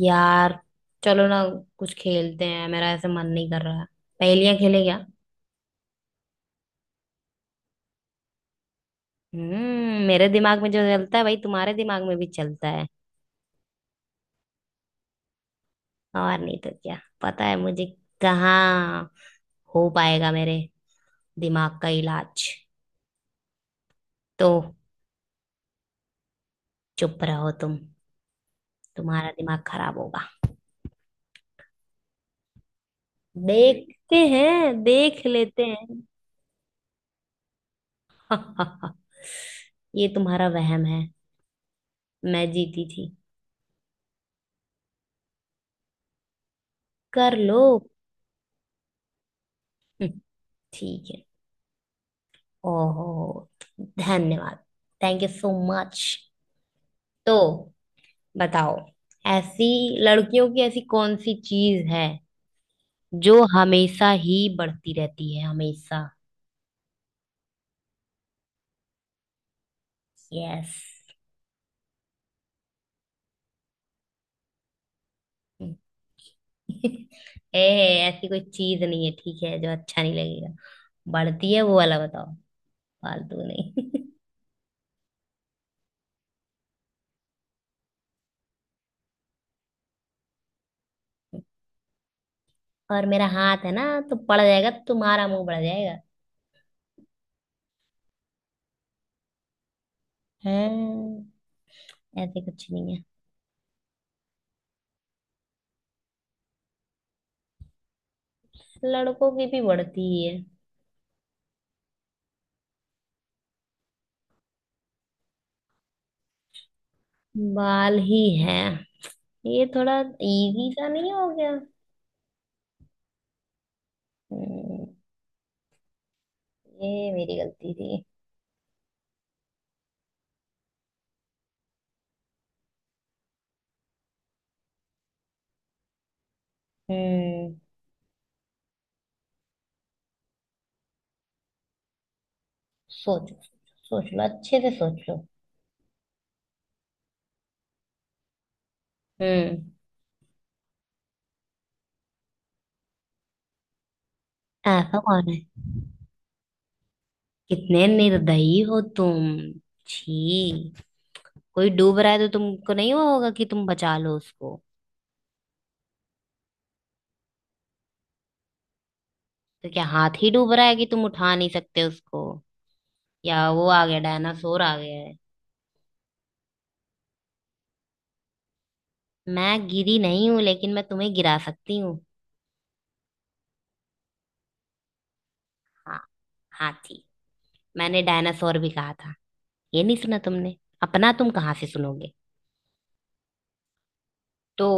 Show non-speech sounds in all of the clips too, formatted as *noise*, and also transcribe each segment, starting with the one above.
यार, चलो ना। कुछ खेलते हैं, मेरा ऐसे मन नहीं कर रहा है। पहेलियां खेले क्या। मेरे दिमाग में जो चलता है भाई, तुम्हारे दिमाग में भी चलता है। और नहीं तो क्या। पता है मुझे कहाँ हो पाएगा मेरे दिमाग का इलाज। तो चुप रहो तुम, तुम्हारा दिमाग खराब होगा। देखते हैं, देख लेते हैं। *laughs* ये तुम्हारा वहम है, मैं जीती थी। कर लो। *laughs* हम्म, ठीक है। ओहो, धन्यवाद। Thank you so much. तो बताओ, ऐसी लड़कियों की ऐसी कौन सी चीज है जो हमेशा ही बढ़ती रहती है, हमेशा। यस। *laughs* ए, ऐसी कोई चीज नहीं है ठीक है जो अच्छा नहीं लगेगा। बढ़ती है वो वाला बताओ, फालतू नहीं। *laughs* और मेरा हाथ है ना, तो पड़ जाएगा तो तुम्हारा मुंह बढ़ जाएगा। हाँ, ऐसे कुछ नहीं है। लड़कों की भी बढ़ती ही है। बाल ही है। ये थोड़ा इजी सा नहीं हो गया। हम्म, ये मेरी गलती थी। हम्म। सोचो, सोच लो, अच्छे से सोच लो। हम्म। ऐसा कौन है, कितने निर्दयी हो तुम। छी, कोई डूब रहा है तो तुमको नहीं वो होगा कि तुम बचा लो उसको। तो क्या हाथ ही डूब रहा है कि तुम उठा नहीं सकते उसको, या वो आ गया, डायनासोर आ गया है। मैं गिरी नहीं हूं, लेकिन मैं तुम्हें गिरा सकती हूँ। हाँ, हाथी, मैंने डायनासोर भी कहा था, ये नहीं सुना तुमने। अपना तुम कहाँ से सुनोगे। तो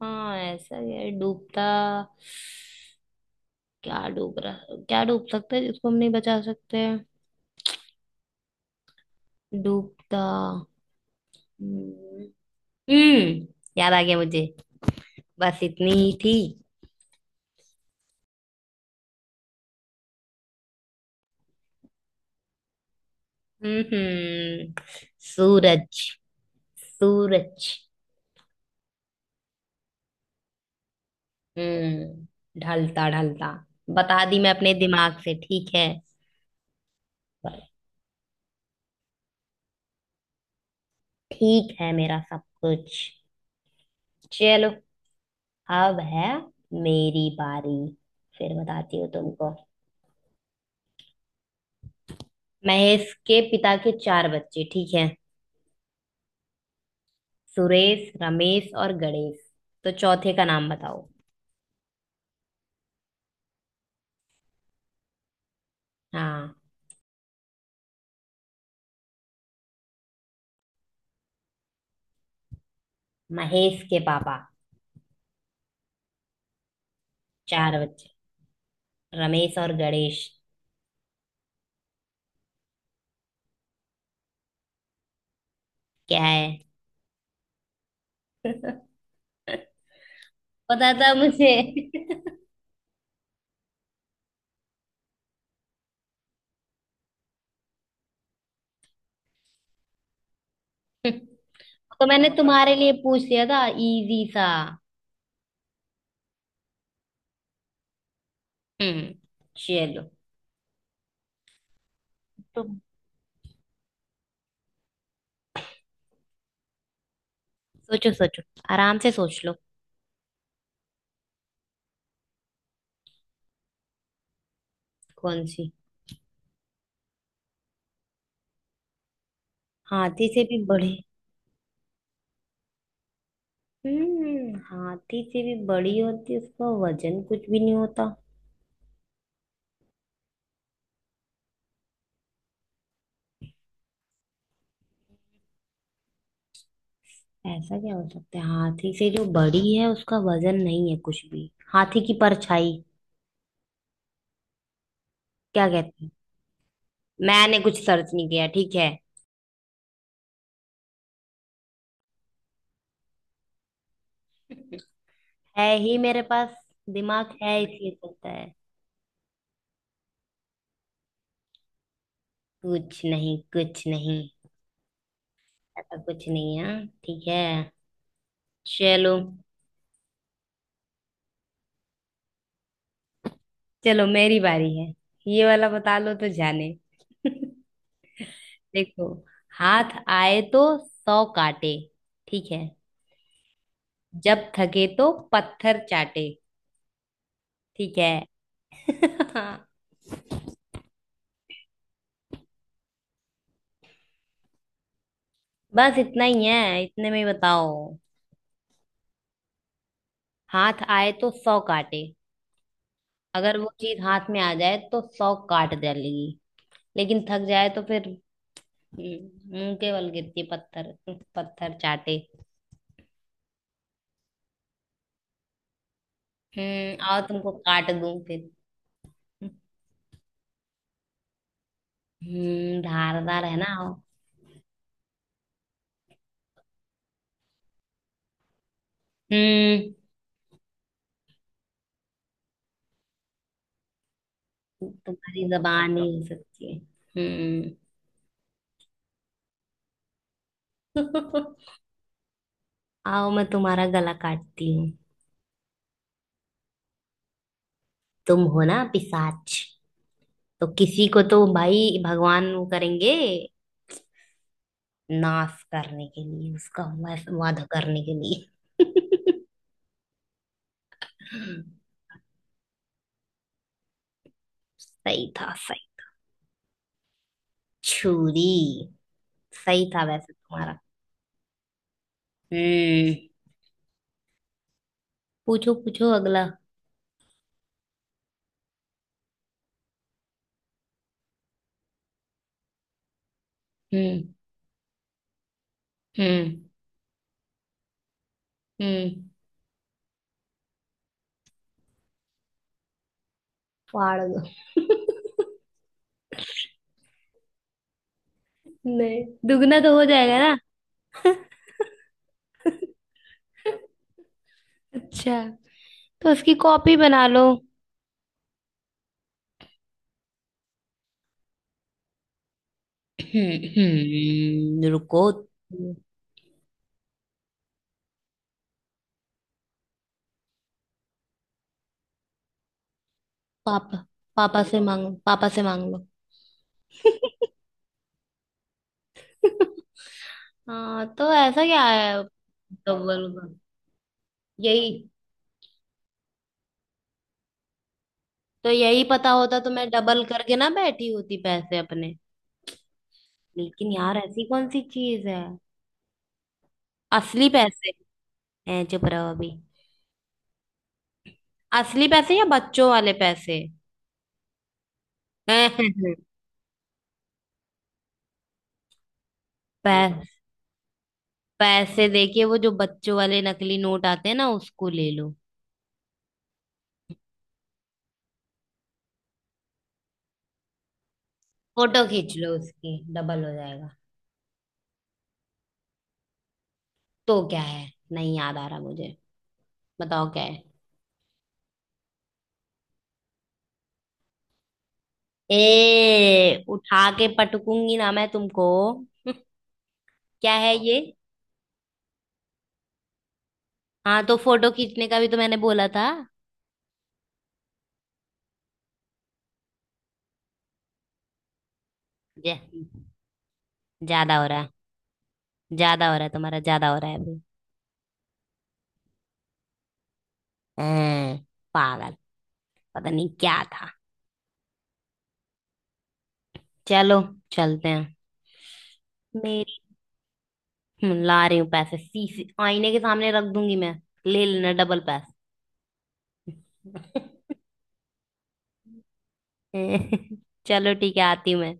हाँ, ऐसा ही है डूबता। क्या डूब रहा, क्या डूब सकता है जिसको हम नहीं बचा सकते। डूबता। हम्म। हम्म, याद आ गया मुझे, बस इतनी ही थी। हम्म हम्म, सूरज। सूरज। हम्म, ढलता ढलता। बता दी मैं अपने दिमाग से, ठीक है। ठीक है मेरा सब कुछ। चलो, अब है मेरी बारी, फिर बताती हूँ तुमको। महेश के पिता के चार बच्चे, ठीक है। सुरेश, रमेश और गणेश। तो चौथे का नाम बताओ। हाँ, महेश के पापा, चार बच्चे, रमेश और गणेश। क्या है। *laughs* पता था मुझे। *laughs* तो मैंने तुम्हारे लिए पूछ लिया था इजी सा। हम्म। चलो तुम सोचो, सोचो, आराम से सोच लो। कौन सी। हाथी से भी बड़े। हाथी से भी बड़ी होती है, उसका वजन कुछ भी नहीं होता। ऐसा क्या हो सकता है, हाथी से जो बड़ी है उसका वजन नहीं है कुछ भी। हाथी की परछाई, क्या कहते हैं। मैंने कुछ सर्च नहीं किया, ठीक है। *laughs* है ही मेरे पास, दिमाग है इसलिए चलता है। कुछ नहीं, कुछ नहीं। ऐसा कुछ नहीं है, ठीक है। चलो। चलो मेरी बारी है। ये वाला बता लो तो जाने। *laughs* देखो, हाथ आए तो सौ काटे, ठीक है। जब थके तो पत्थर चाटे, ठीक है। *laughs* बस इतना ही है, इतने में ही बताओ। हाथ आए तो सौ काटे। अगर वो चीज हाथ में आ जाए तो सौ काट डालेगी, लेकिन थक जाए तो फिर मुंह के बल गिरती है, पत्थर, पत्थर चाटे। हम्म, आओ तुमको काट दूं फिर। हम्म, धारदार है ना, आओ। हम्म, तुम्हारी जबान ही हो सकती है। हम्म। *laughs* आओ मैं तुम्हारा गला काटती हूँ। तुम हो ना पिशाच, तो किसी को तो भाई भगवान वो करेंगे, नाश करने के लिए उसका वध, वध करने के लिए। सही था, सही। छुरी। सही था वैसे तुम्हारा। हम्म, पूछो पूछो अगला। हम्म। हम्म। हम्म। फाड़ दो। नहीं, दुगना तो हो जाएगा ना। अच्छा, तो उसकी कॉपी बना लो। रुको। पापा, पापा से मांगो, पापा से मांग लो। *laughs* हाँ, तो ऐसा क्या है डबल का, यही। तो यही पता होता तो मैं डबल करके ना बैठी होती पैसे अपने। लेकिन यार, ऐसी कौन सी चीज है, असली पैसे। हैं, चुप रहो अभी। असली पैसे या बच्चों वाले पैसे। *laughs* पै, पैसे देखिए, वो जो बच्चों वाले नकली नोट आते हैं ना, उसको ले लो। फोटो खींच लो उसकी, डबल हो जाएगा। तो क्या है, नहीं याद आ रहा मुझे, बताओ क्या। ए, उठा के पटकूंगी ना मैं तुमको। क्या है ये। हाँ, तो फोटो खींचने का भी तो मैंने बोला था। जा, ज्यादा हो रहा है, ज्यादा हो रहा है तुम्हारा, ज्यादा हो रहा है अभी। हैं, पागल। पता नहीं क्या था। चलो, चलते हैं। मेरी ला रही हूँ पैसे, शीशे, आईने के सामने रख दूंगी मैं, ले लेना डबल पैसे। *laughs* चलो ठीक है, आती हूँ मैं।